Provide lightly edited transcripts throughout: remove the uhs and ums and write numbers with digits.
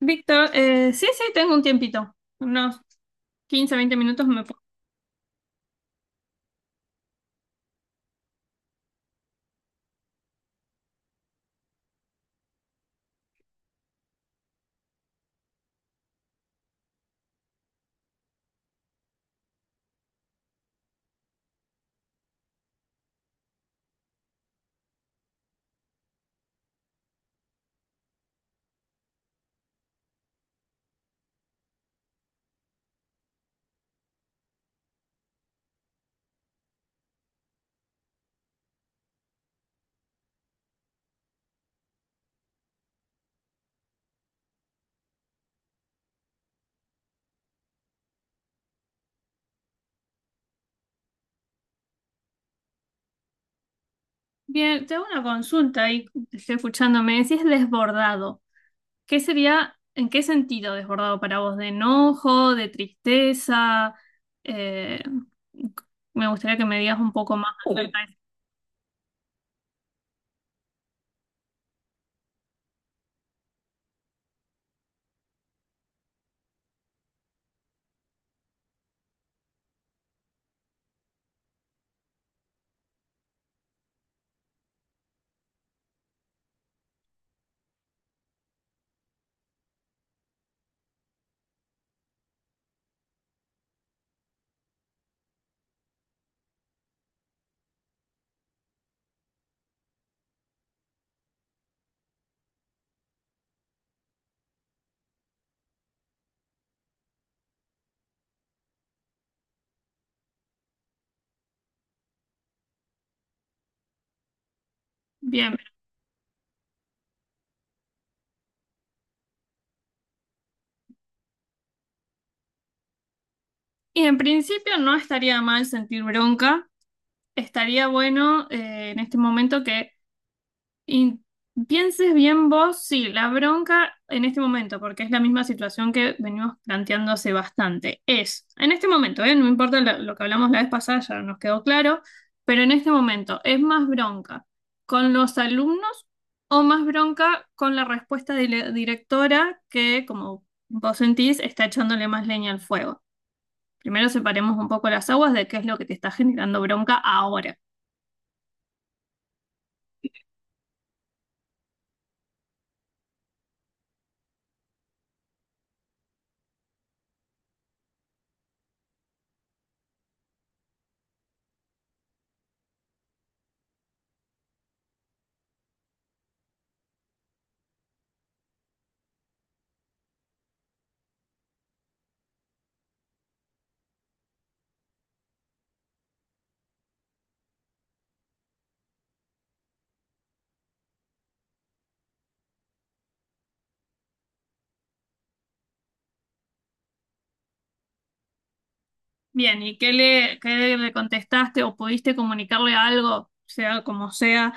Víctor, sí, tengo un tiempito, unos 15, 20 minutos me puedo. Bien, tengo una consulta y estoy escuchándome, decís desbordado. ¿Qué sería, en qué sentido desbordado para vos? ¿De enojo, de tristeza? Eh, me gustaría que me digas un poco más acerca de eso. Bien, y en principio no estaría mal sentir bronca, estaría bueno en este momento que Y pienses bien vos, sí, la bronca en este momento, porque es la misma situación que venimos planteando hace bastante, es, en este momento, ¿eh? No importa lo que hablamos la vez pasada, ya nos quedó claro, pero en este momento, ¿es más bronca con los alumnos o más bronca con la respuesta de la directora que, como vos sentís, está echándole más leña al fuego? Primero separemos un poco las aguas de qué es lo que te está generando bronca ahora. Bien, ¿y qué le contestaste o pudiste comunicarle algo, sea como sea,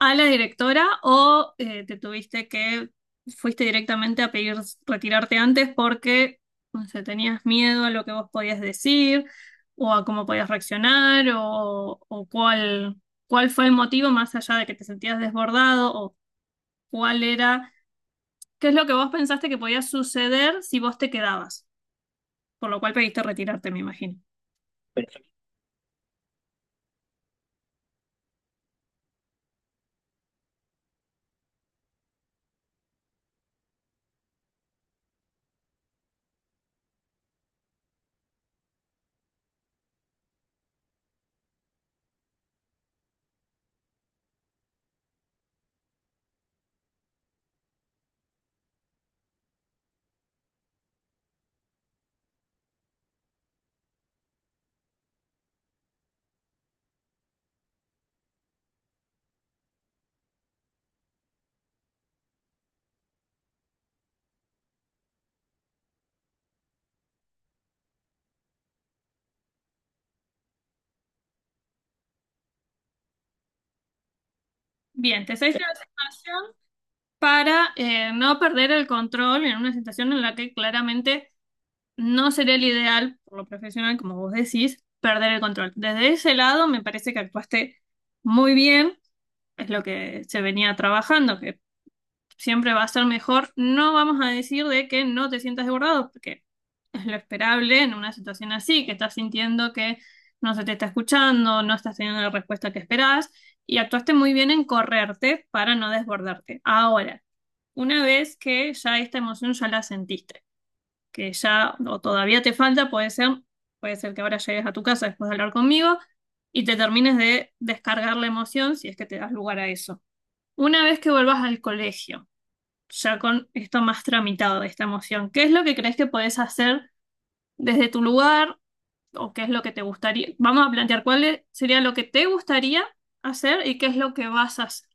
a la directora o te tuviste que, fuiste directamente a pedir retirarte antes porque, no sé, tenías miedo a lo que vos podías decir o a cómo podías reaccionar o cuál, cuál fue el motivo más allá de que te sentías desbordado o cuál era, qué es lo que vos pensaste que podía suceder si vos te quedabas, por lo cual pediste retirarte, me imagino. Bien, te seguiste la situación para no perder el control en una situación en la que claramente no sería el ideal, por lo profesional, como vos decís, perder el control. Desde ese lado me parece que actuaste muy bien, es lo que se venía trabajando, que siempre va a ser mejor. No vamos a decir de que no te sientas desbordado, porque es lo esperable en una situación así, que estás sintiendo que no se te está escuchando, no estás teniendo la respuesta que esperás, y actuaste muy bien en correrte para no desbordarte. Ahora, una vez que ya esta emoción ya la sentiste, que ya o todavía te falta, puede ser que ahora llegues a tu casa después de hablar conmigo y te termines de descargar la emoción si es que te das lugar a eso. Una vez que vuelvas al colegio, ya con esto más tramitado, de esta emoción, ¿qué es lo que crees que podés hacer desde tu lugar o qué es lo que te gustaría? Vamos a plantear sería lo que te gustaría hacer y qué es lo que vas a hacer.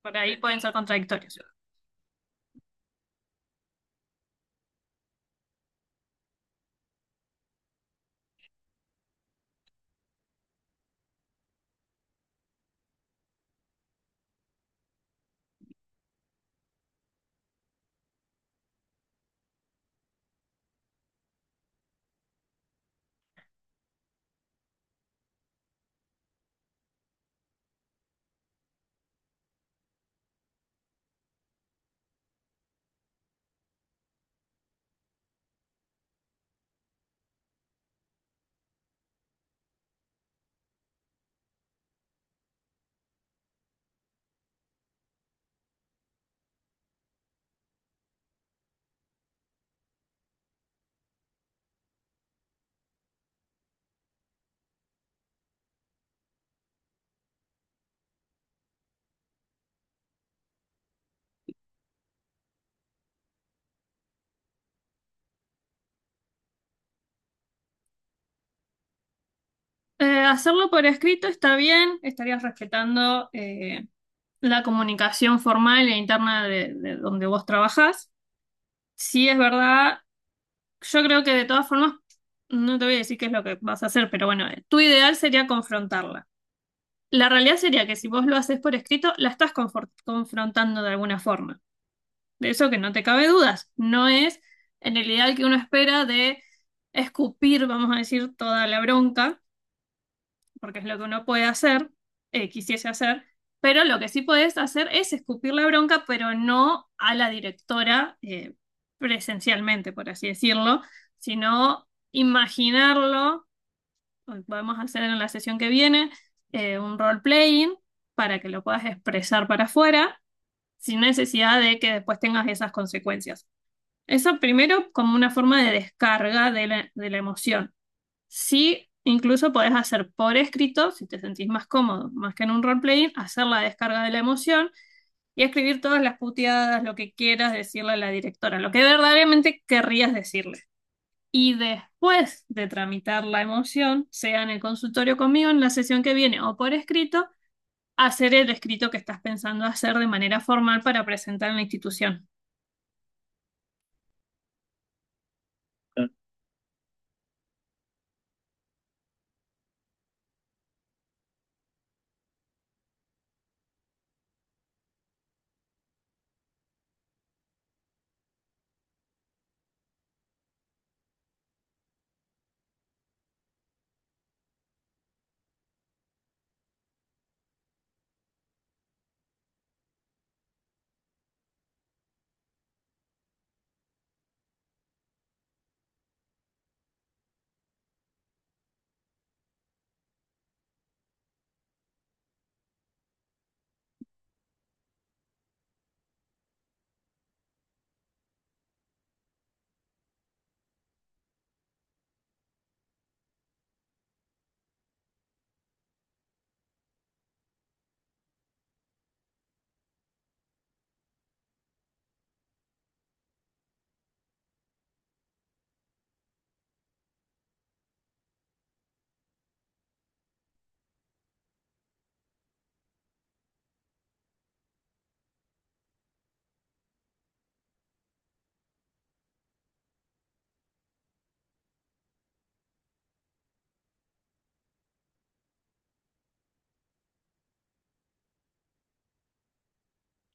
Por ahí pueden ser contradictorios. Hacerlo por escrito está bien, estarías respetando la comunicación formal e interna de donde vos trabajás. Sí, es verdad, yo creo que de todas formas, no te voy a decir qué es lo que vas a hacer, pero bueno, tu ideal sería confrontarla. La realidad sería que si vos lo haces por escrito, la estás confrontando de alguna forma. De eso que no te cabe dudas, no es en el ideal que uno espera de escupir, vamos a decir, toda la bronca porque es lo que uno puede hacer, quisiese hacer, pero lo que sí podés hacer es escupir la bronca, pero no a la directora presencialmente, por así decirlo, sino imaginarlo, podemos hacer en la sesión que viene un role-playing para que lo puedas expresar para afuera sin necesidad de que después tengas esas consecuencias. Eso primero como una forma de descarga de la emoción. Sí, incluso podés hacer por escrito, si te sentís más cómodo, más que en un roleplaying, hacer la descarga de la emoción y escribir todas las puteadas, lo que quieras decirle a la directora, lo que verdaderamente querrías decirle. Y después de tramitar la emoción, sea en el consultorio conmigo, en la sesión que viene o por escrito, hacer el escrito que estás pensando hacer de manera formal para presentar en la institución.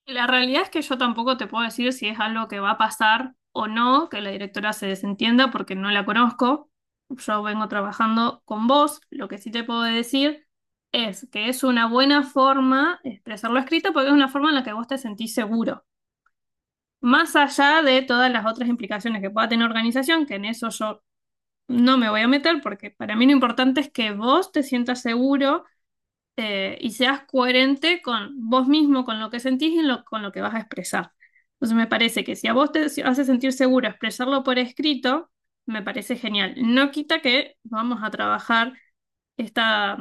La realidad es que yo tampoco te puedo decir si es algo que va a pasar o no, que la directora se desentienda porque no la conozco. Yo vengo trabajando con vos. Lo que sí te puedo decir es que es una buena forma expresarlo escrito porque es una forma en la que vos te sentís seguro. Más allá de todas las otras implicaciones que pueda tener organización, que en eso yo no me voy a meter porque para mí lo importante es que vos te sientas seguro y seas coherente con vos mismo, con lo que sentís y con lo que vas a expresar. Entonces me parece que si a vos te hace sentir seguro expresarlo por escrito, me parece genial. No quita que vamos a trabajar esta,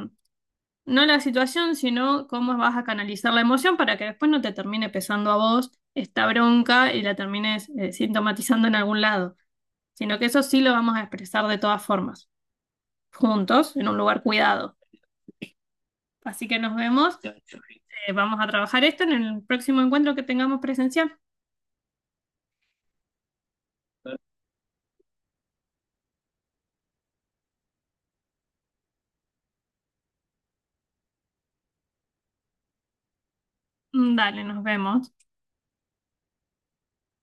no la situación, sino cómo vas a canalizar la emoción para que después no te termine pesando a vos esta bronca y la termines sintomatizando en algún lado, sino que eso sí lo vamos a expresar de todas formas, juntos, en un lugar cuidado. Así que nos vemos. Vamos a trabajar esto en el próximo encuentro que tengamos presencial. Mm, dale, nos vemos.